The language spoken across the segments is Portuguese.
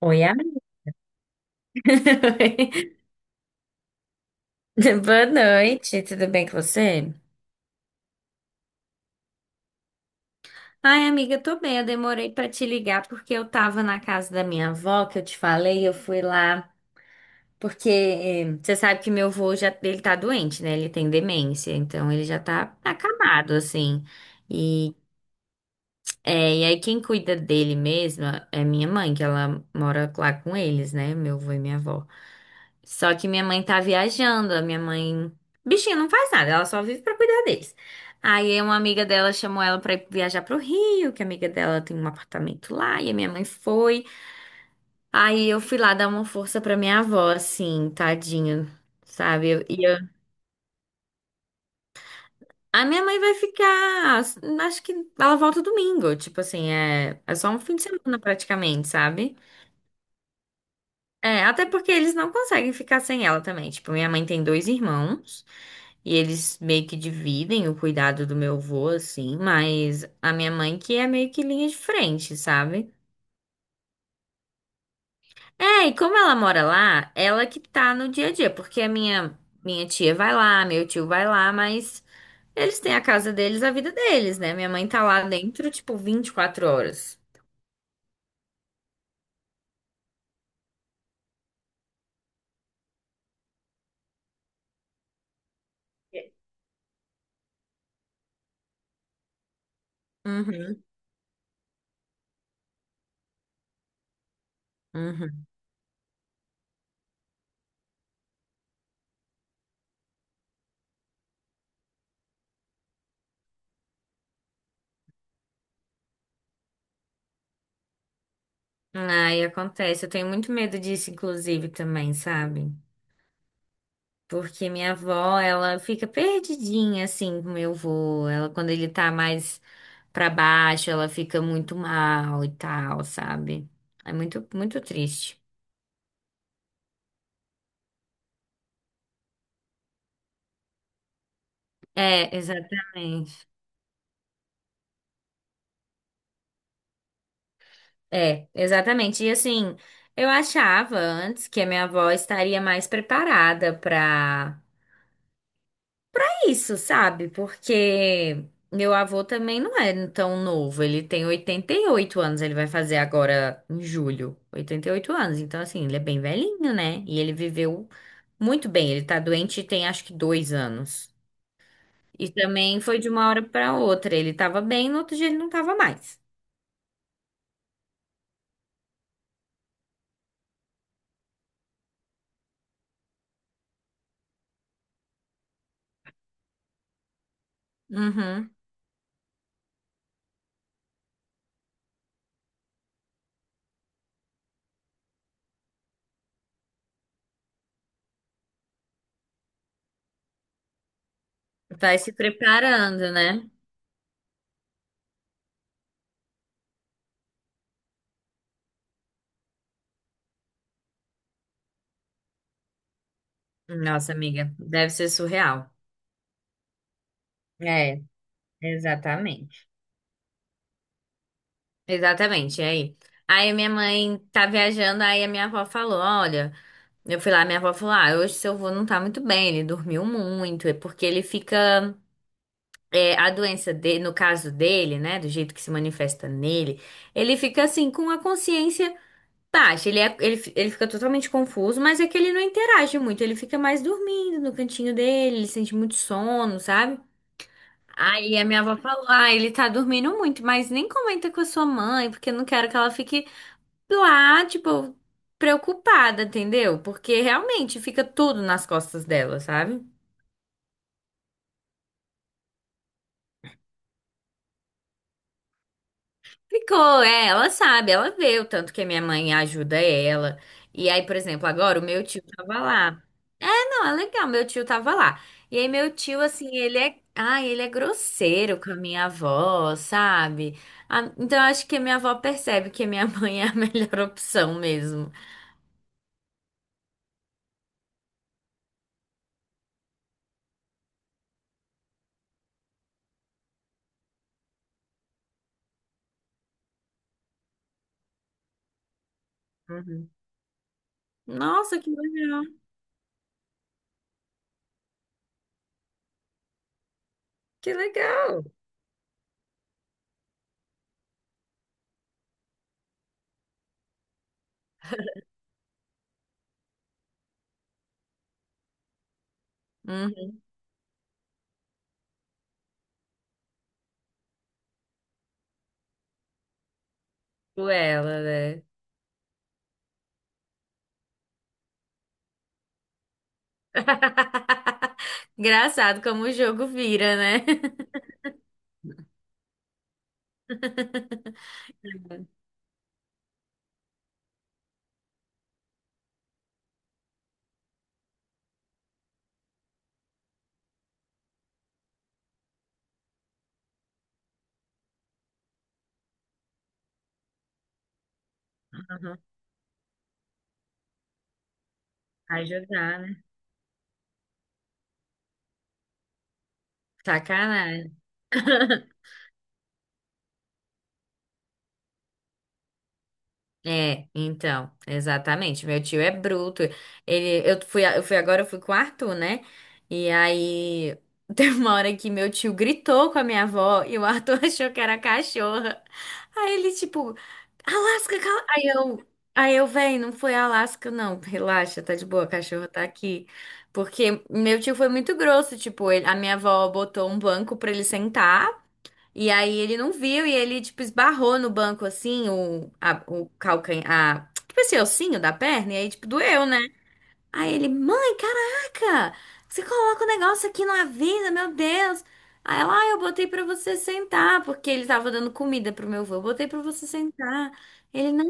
Oi, amiga. Boa noite, tudo bem com você? Ai, amiga, eu tô bem. Eu demorei pra te ligar porque eu tava na casa da minha avó, que eu te falei, eu fui lá porque você sabe que meu avô já ele tá doente, né? Ele tem demência, então ele já tá acamado assim. E é, e aí quem cuida dele mesma é minha mãe, que ela mora lá com eles, né? Meu avô e minha avó. Só que minha mãe tá viajando, a minha mãe. Bichinha não faz nada, ela só vive pra cuidar deles. Aí uma amiga dela chamou ela pra ir viajar pro Rio, que a amiga dela tem um apartamento lá, e a minha mãe foi. Aí eu fui lá dar uma força pra minha avó, assim, tadinha, sabe? A minha mãe vai ficar, acho que ela volta domingo, tipo assim, é só um fim de semana praticamente, sabe? É, até porque eles não conseguem ficar sem ela também. Tipo, minha mãe tem dois irmãos. E eles meio que dividem o cuidado do meu avô, assim, mas a minha mãe que é meio que linha de frente, sabe? É, e como ela mora lá, ela que tá no dia a dia, porque a minha tia vai lá, meu tio vai lá, mas eles têm a casa deles, a vida deles, né? Minha mãe tá lá dentro, tipo, 24 horas. Uhum, uhum. Ai, acontece. Eu tenho muito medo disso, inclusive, também, sabe? Porque minha avó, ela fica perdidinha assim com meu avô. Ela, quando ele tá mais pra baixo, ela fica muito mal e tal, sabe? É muito, muito triste. É, exatamente. É, exatamente. E assim, eu achava antes que a minha avó estaria mais preparada pra isso, sabe? Porque meu avô também não é tão novo. Ele tem 88 anos, ele vai fazer agora em julho. 88 anos, então assim, ele é bem velhinho, né? E ele viveu muito bem. Ele tá doente tem acho que dois anos. E também foi de uma hora pra outra. Ele tava bem, no outro dia ele não tava mais. Uhum. Vai se preparando, né? Nossa, amiga, deve ser surreal. É, exatamente. Exatamente, e aí. Aí minha mãe tá viajando, aí a minha avó falou, olha, eu fui lá, minha avó falou, ah, hoje seu avô não tá muito bem, ele dormiu muito, é porque ele fica, é, a doença dele, no caso dele, né, do jeito que se manifesta nele, ele fica assim, com a consciência baixa, ele fica totalmente confuso, mas é que ele não interage muito, ele fica mais dormindo no cantinho dele, ele sente muito sono, sabe? Aí a minha avó falou, ah, ele tá dormindo muito, mas nem comenta com a sua mãe, porque eu não quero que ela fique lá, tipo, preocupada, entendeu? Porque realmente fica tudo nas costas dela, sabe? Ficou, é, ela sabe, ela vê o tanto que a minha mãe ajuda ela. E aí, por exemplo, agora o meu tio tava lá. Não, é legal, meu tio tava lá. E aí meu tio, assim, ele é, ah, ele é grosseiro com a minha avó, sabe? Ah, então eu acho que a minha avó percebe que a minha mãe é a melhor opção mesmo. Uhum. Nossa, que legal, que legal. Uhum. Por ela, né? Engraçado como o jogo vira, né? Uhum. Vai jogar, né? Sacanagem. É, então, exatamente. Meu tio é bruto. Ele, eu fui com o Arthur, né? E aí teve uma hora que meu tio gritou com a minha avó e o Arthur achou que era cachorra. Aí ele tipo, Alasca, cala. Aí eu, véi, não foi Alasca, não. Relaxa, tá de boa, a cachorra tá aqui. Porque meu tio foi muito grosso, tipo, a minha avó botou um banco pra ele sentar e aí ele não viu e ele, tipo, esbarrou no banco, assim, o calcanhar, tipo esse ossinho da perna, e aí, tipo, doeu, né? Aí ele, mãe, caraca, você coloca o negócio aqui, não avisa, meu Deus. Aí ela, ah, eu botei pra você sentar, porque ele tava dando comida pro meu avô, eu botei pra você sentar. Ele, não,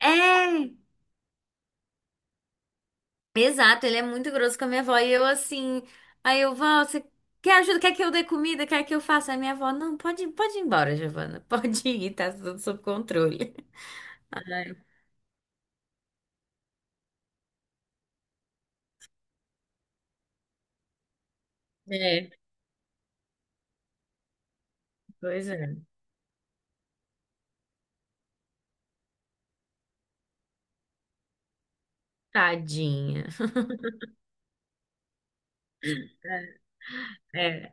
é. Exato, ele é muito grosso com a minha avó. E eu assim, aí eu, vó, você quer ajuda? Quer que eu dê comida? Quer que eu faça? Aí minha avó, não, pode, pode ir embora, Giovana. Pode ir, tá tudo sob controle. Ai, é, pois é. Tadinha. É.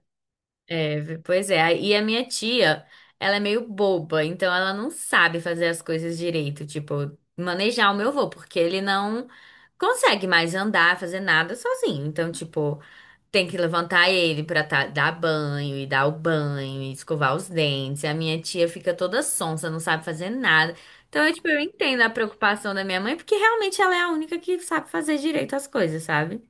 É, pois é. E a minha tia, ela é meio boba, então ela não sabe fazer as coisas direito, tipo, manejar o meu avô, porque ele não consegue mais andar, fazer nada sozinho. Então, tipo, tem que levantar ele pra tá- dar banho e dar o banho e escovar os dentes. E a minha tia fica toda sonsa, não sabe fazer nada. Então, eu, tipo, eu entendo a preocupação da minha mãe, porque realmente ela é a única que sabe fazer direito as coisas, sabe?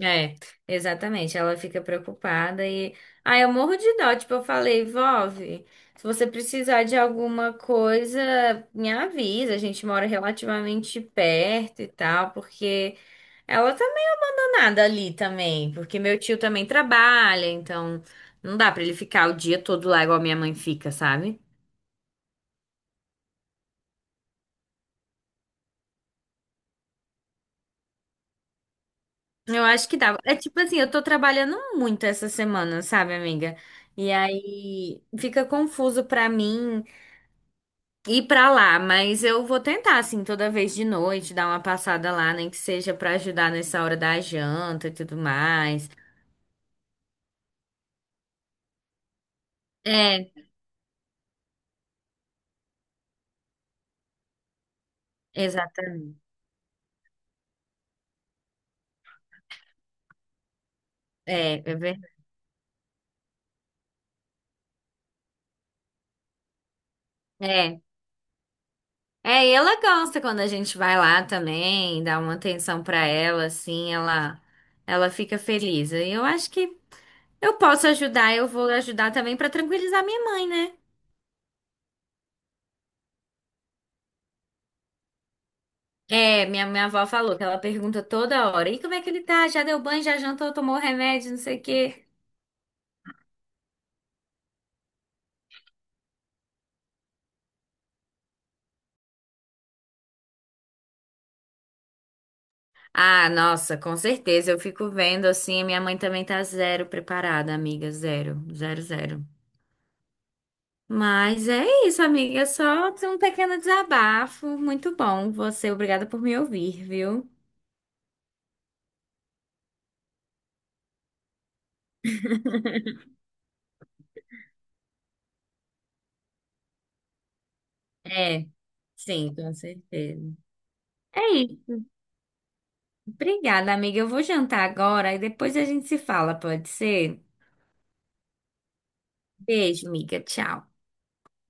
É, exatamente. Ela fica preocupada e. Ah, eu morro de dó. Tipo, eu falei, Vove, se você precisar de alguma coisa, me avisa. A gente mora relativamente perto e tal, porque ela também não é nada ali também. Porque meu tio também trabalha, então não dá pra ele ficar o dia todo lá igual minha mãe fica, sabe? Eu acho que dá. É tipo assim, eu tô trabalhando muito essa semana, sabe, amiga? E aí fica confuso pra mim ir pra lá, mas eu vou tentar, assim, toda vez de noite, dar uma passada lá, nem que seja pra ajudar nessa hora da janta e tudo mais. É, exatamente. É, é verdade. É. É, e ela gosta quando a gente vai lá também, dá uma atenção pra ela, assim, ela fica feliz. E eu acho que eu posso ajudar, eu vou ajudar também pra tranquilizar minha mãe, né? É, minha avó falou que ela pergunta toda hora, e como é que ele tá? Já deu banho, já jantou, tomou remédio, não sei o quê. Ah, nossa, com certeza. Eu fico vendo assim, minha mãe também tá zero preparada, amiga, zero, zero, zero. Mas é isso, amiga, só um pequeno desabafo. Muito bom. Você, obrigada por me ouvir, viu? É, sim, com certeza. É isso. Obrigada, amiga. Eu vou jantar agora e depois a gente se fala, pode ser? Beijo, amiga. Tchau.